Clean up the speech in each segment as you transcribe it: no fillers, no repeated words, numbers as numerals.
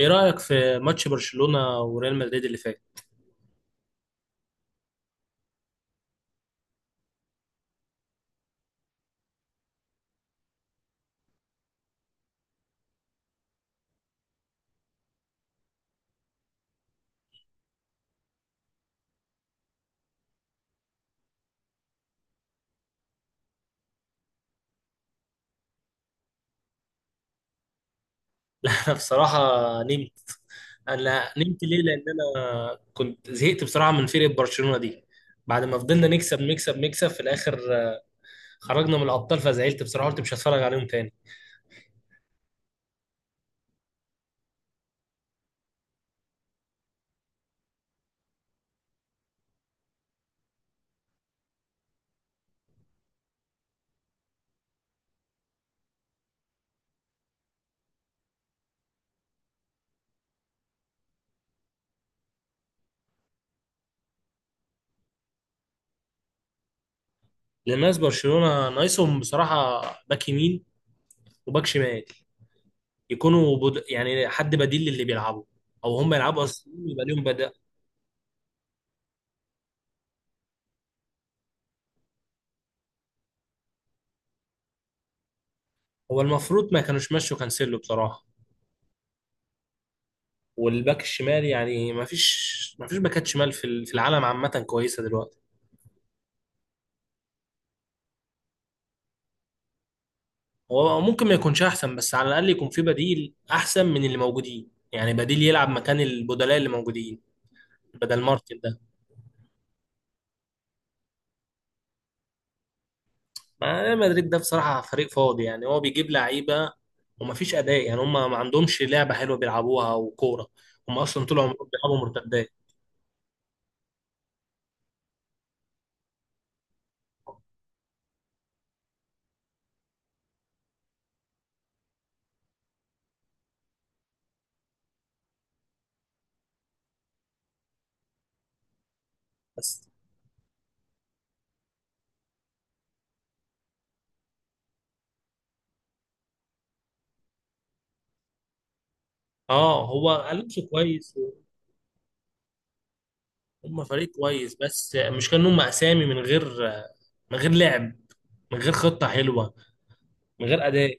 ايه رأيك في ماتش برشلونة وريال مدريد اللي فات؟ انا بصراحة نمت. انا نمت ليه؟ لان انا كنت زهقت بصراحة من فرقة برشلونة دي. بعد ما فضلنا نكسب نكسب في الاخر خرجنا من الابطال فزعلت بصراحة، قلت مش هتفرج عليهم تاني. لأن ناس برشلونة ناقصهم بصراحة باك يمين وباك شمال، يعني حد بديل للي بيلعبوا، او هم يلعبوا اصلا يبقى ليهم بدأ. هو المفروض ما كانوش مشوا كانسيلو بصراحة. والباك الشمال يعني ما فيش باكات شمال في العالم عامة كويسة دلوقتي. هو ممكن ما يكونش احسن، بس على الاقل يكون في بديل احسن من اللي موجودين، يعني بديل يلعب مكان البدلاء اللي موجودين بدل مارتن ده. ما ريال مدريد ده بصراحة فريق فاضي، يعني هو بيجيب لعيبة وما فيش اداء، يعني هم ما عندهمش لعبة حلوة بيلعبوها وكورة. هم اصلا طول عمرهم بيلعبوا مرتدات. بس اه هو الونسو كويس. هم فريق كويس، بس مش كأنهم اسامي من غير، من غير لعب، من غير خطة حلوة، من غير أداء.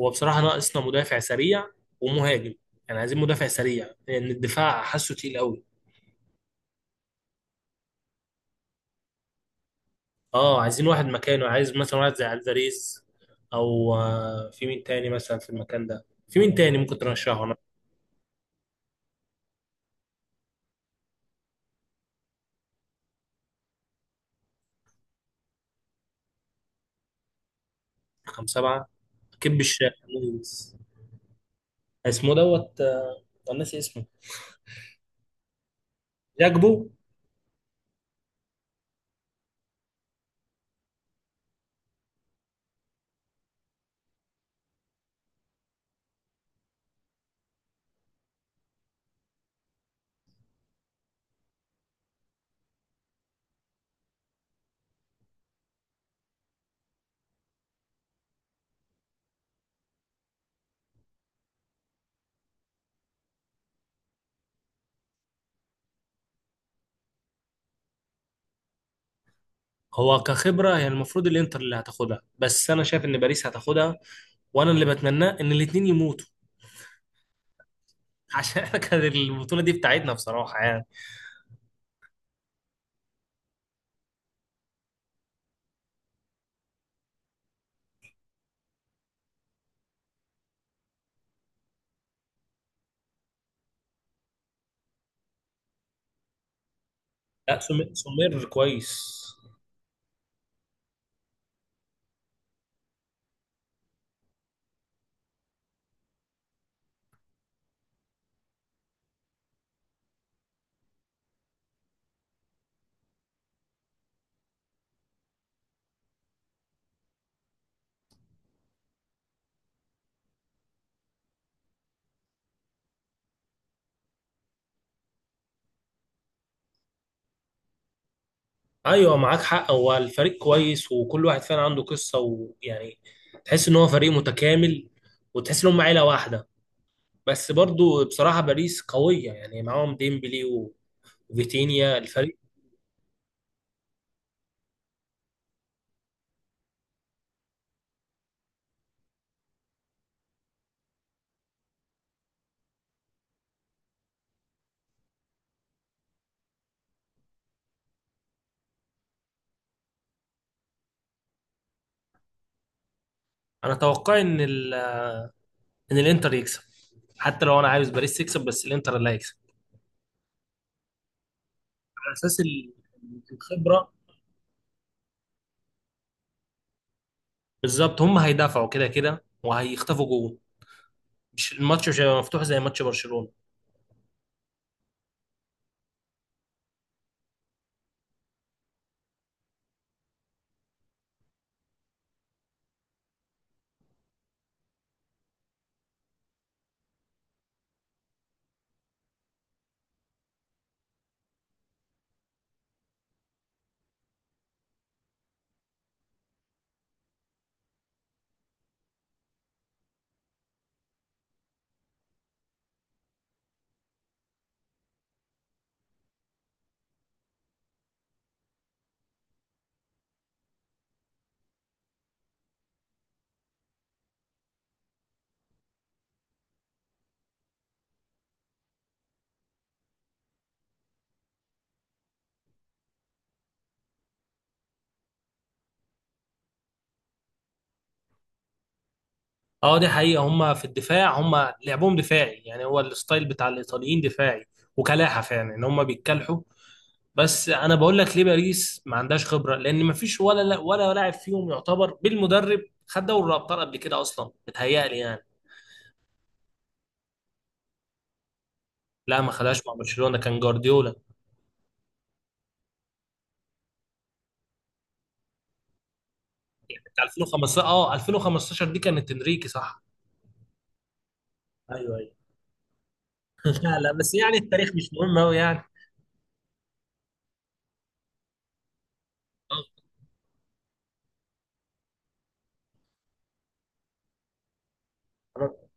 هو بصراحة ناقصنا مدافع سريع ومهاجم، يعني عايزين مدافع سريع لأن الدفاع حاسه تقيل قوي. اه عايزين واحد مكانه، عايز مثلا واحد زي الفاريز، أو في مين تاني مثلا في المكان ده؟ في مين تاني ممكن ترشحه أنا؟ رقم سبعة، كب الشاحن. اسمه دوت أنا ناسي اسمه. جاكبو. هو كخبرة هي المفروض الانتر اللي هتاخدها، بس انا شايف ان باريس هتاخدها. وانا اللي بتمناه ان الاتنين يموتوا. عشان احنا كانت البطولة دي بتاعتنا بصراحة يعني. لا سمير، سمير كويس. ايوه معاك حق، هو الفريق كويس وكل واحد فعلا عنده قصه، ويعني تحس ان هو فريق متكامل وتحس ان هم عيله واحده. بس برضو بصراحه باريس قويه، يعني معاهم ديمبلي وفيتينيا الفريق. انا اتوقع ان ان الانتر يكسب. حتى لو انا عاوز باريس تكسب، بس الانتر اللي هيكسب. على اساس الخبره. بالظبط هم هيدافعوا كده كده وهيخطفوا جول. مش الماتش مش هيبقى مفتوح زي ماتش برشلونه. اه دي حقيقة، هم في الدفاع هم لعبهم دفاعي، يعني هو الستايل بتاع الإيطاليين دفاعي. وكلاحة فعلا ان هم بيتكلحوا. بس انا بقول لك ليه باريس ما عندهاش خبرة، لان ما فيش ولا ولا لاعب فيهم يعتبر بالمدرب. خد دوري الابطال قبل كده اصلا بتهيألي يعني. لا ما خدهاش مع برشلونة، كان جوارديولا بتاع 2015. اه 2015 دي كانت انريكي، صح. ايوه، ايوه. لا، لا، بس يعني التاريخ مش مهم قوي يعني. آه.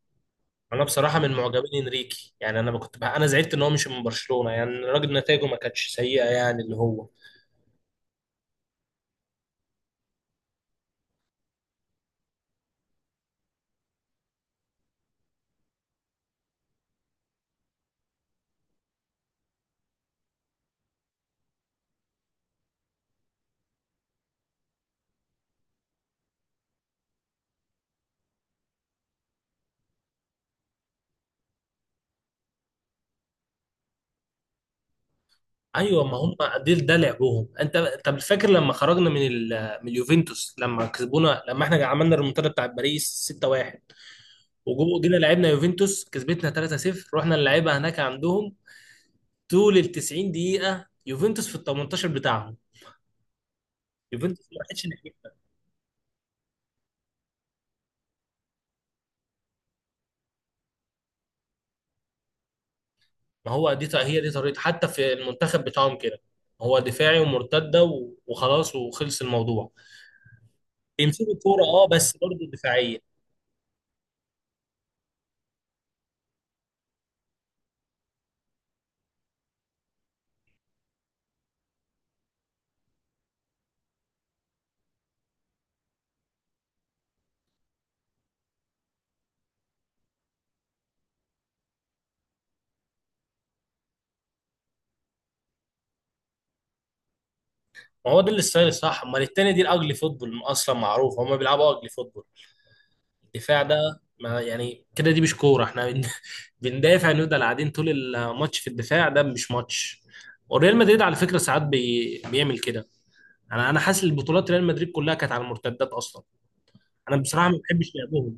انا بصراحه من معجبين انريكي، يعني انا كنت بقى، انا زعلت ان هو مش من برشلونه، يعني الراجل نتائجه ما كانتش سيئه، يعني اللي هو. ايوه ما هم، ده ده لعبهم انت. طب فاكر لما خرجنا من اليوفنتوس؟ لما كسبونا، لما احنا عملنا الريمونتادا بتاع باريس 6-1، وجينا لعبنا يوفنتوس كسبتنا 3-0، رحنا نلعبها هناك عندهم. طول ال 90 دقيقه يوفنتوس في ال 18 بتاعهم، يوفنتوس ما راحتش. ما هو دي هي دي طريقته حتى في المنتخب بتاعهم كده. هو دفاعي ومرتده وخلاص، وخلص الموضوع. بيمسكوا الكوره اه، بس برضه دفاعيه. ما هو ده الستايل الصح، امال التاني دي الاجلي فوتبول، اصلا معروف هم بيلعبوا اجلي فوتبول. الدفاع ده ما يعني كده دي مش كوره، احنا بندافع، نفضل قاعدين طول الماتش في الدفاع، ده مش ماتش. وريال مدريد على فكره ساعات بيعمل كده. انا انا حاسس البطولات ريال مدريد كلها كانت على المرتدات اصلا. انا بصراحه ما بحبش لعبهم.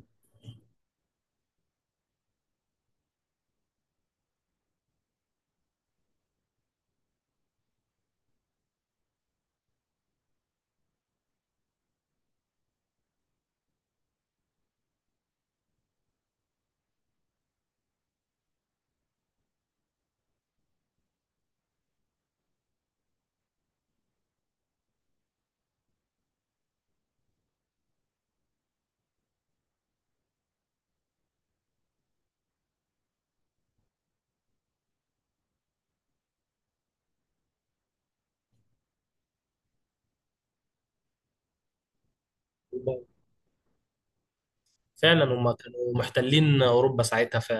فعلا هم كانوا محتلين اوروبا ساعتها ف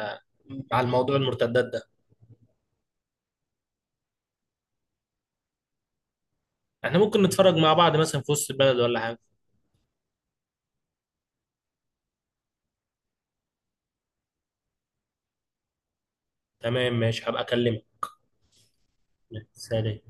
على الموضوع المرتدات ده. احنا ممكن نتفرج مع بعض مثلا في وسط البلد ولا حاجه. تمام، ماشي، هبقى اكلمك. سلام.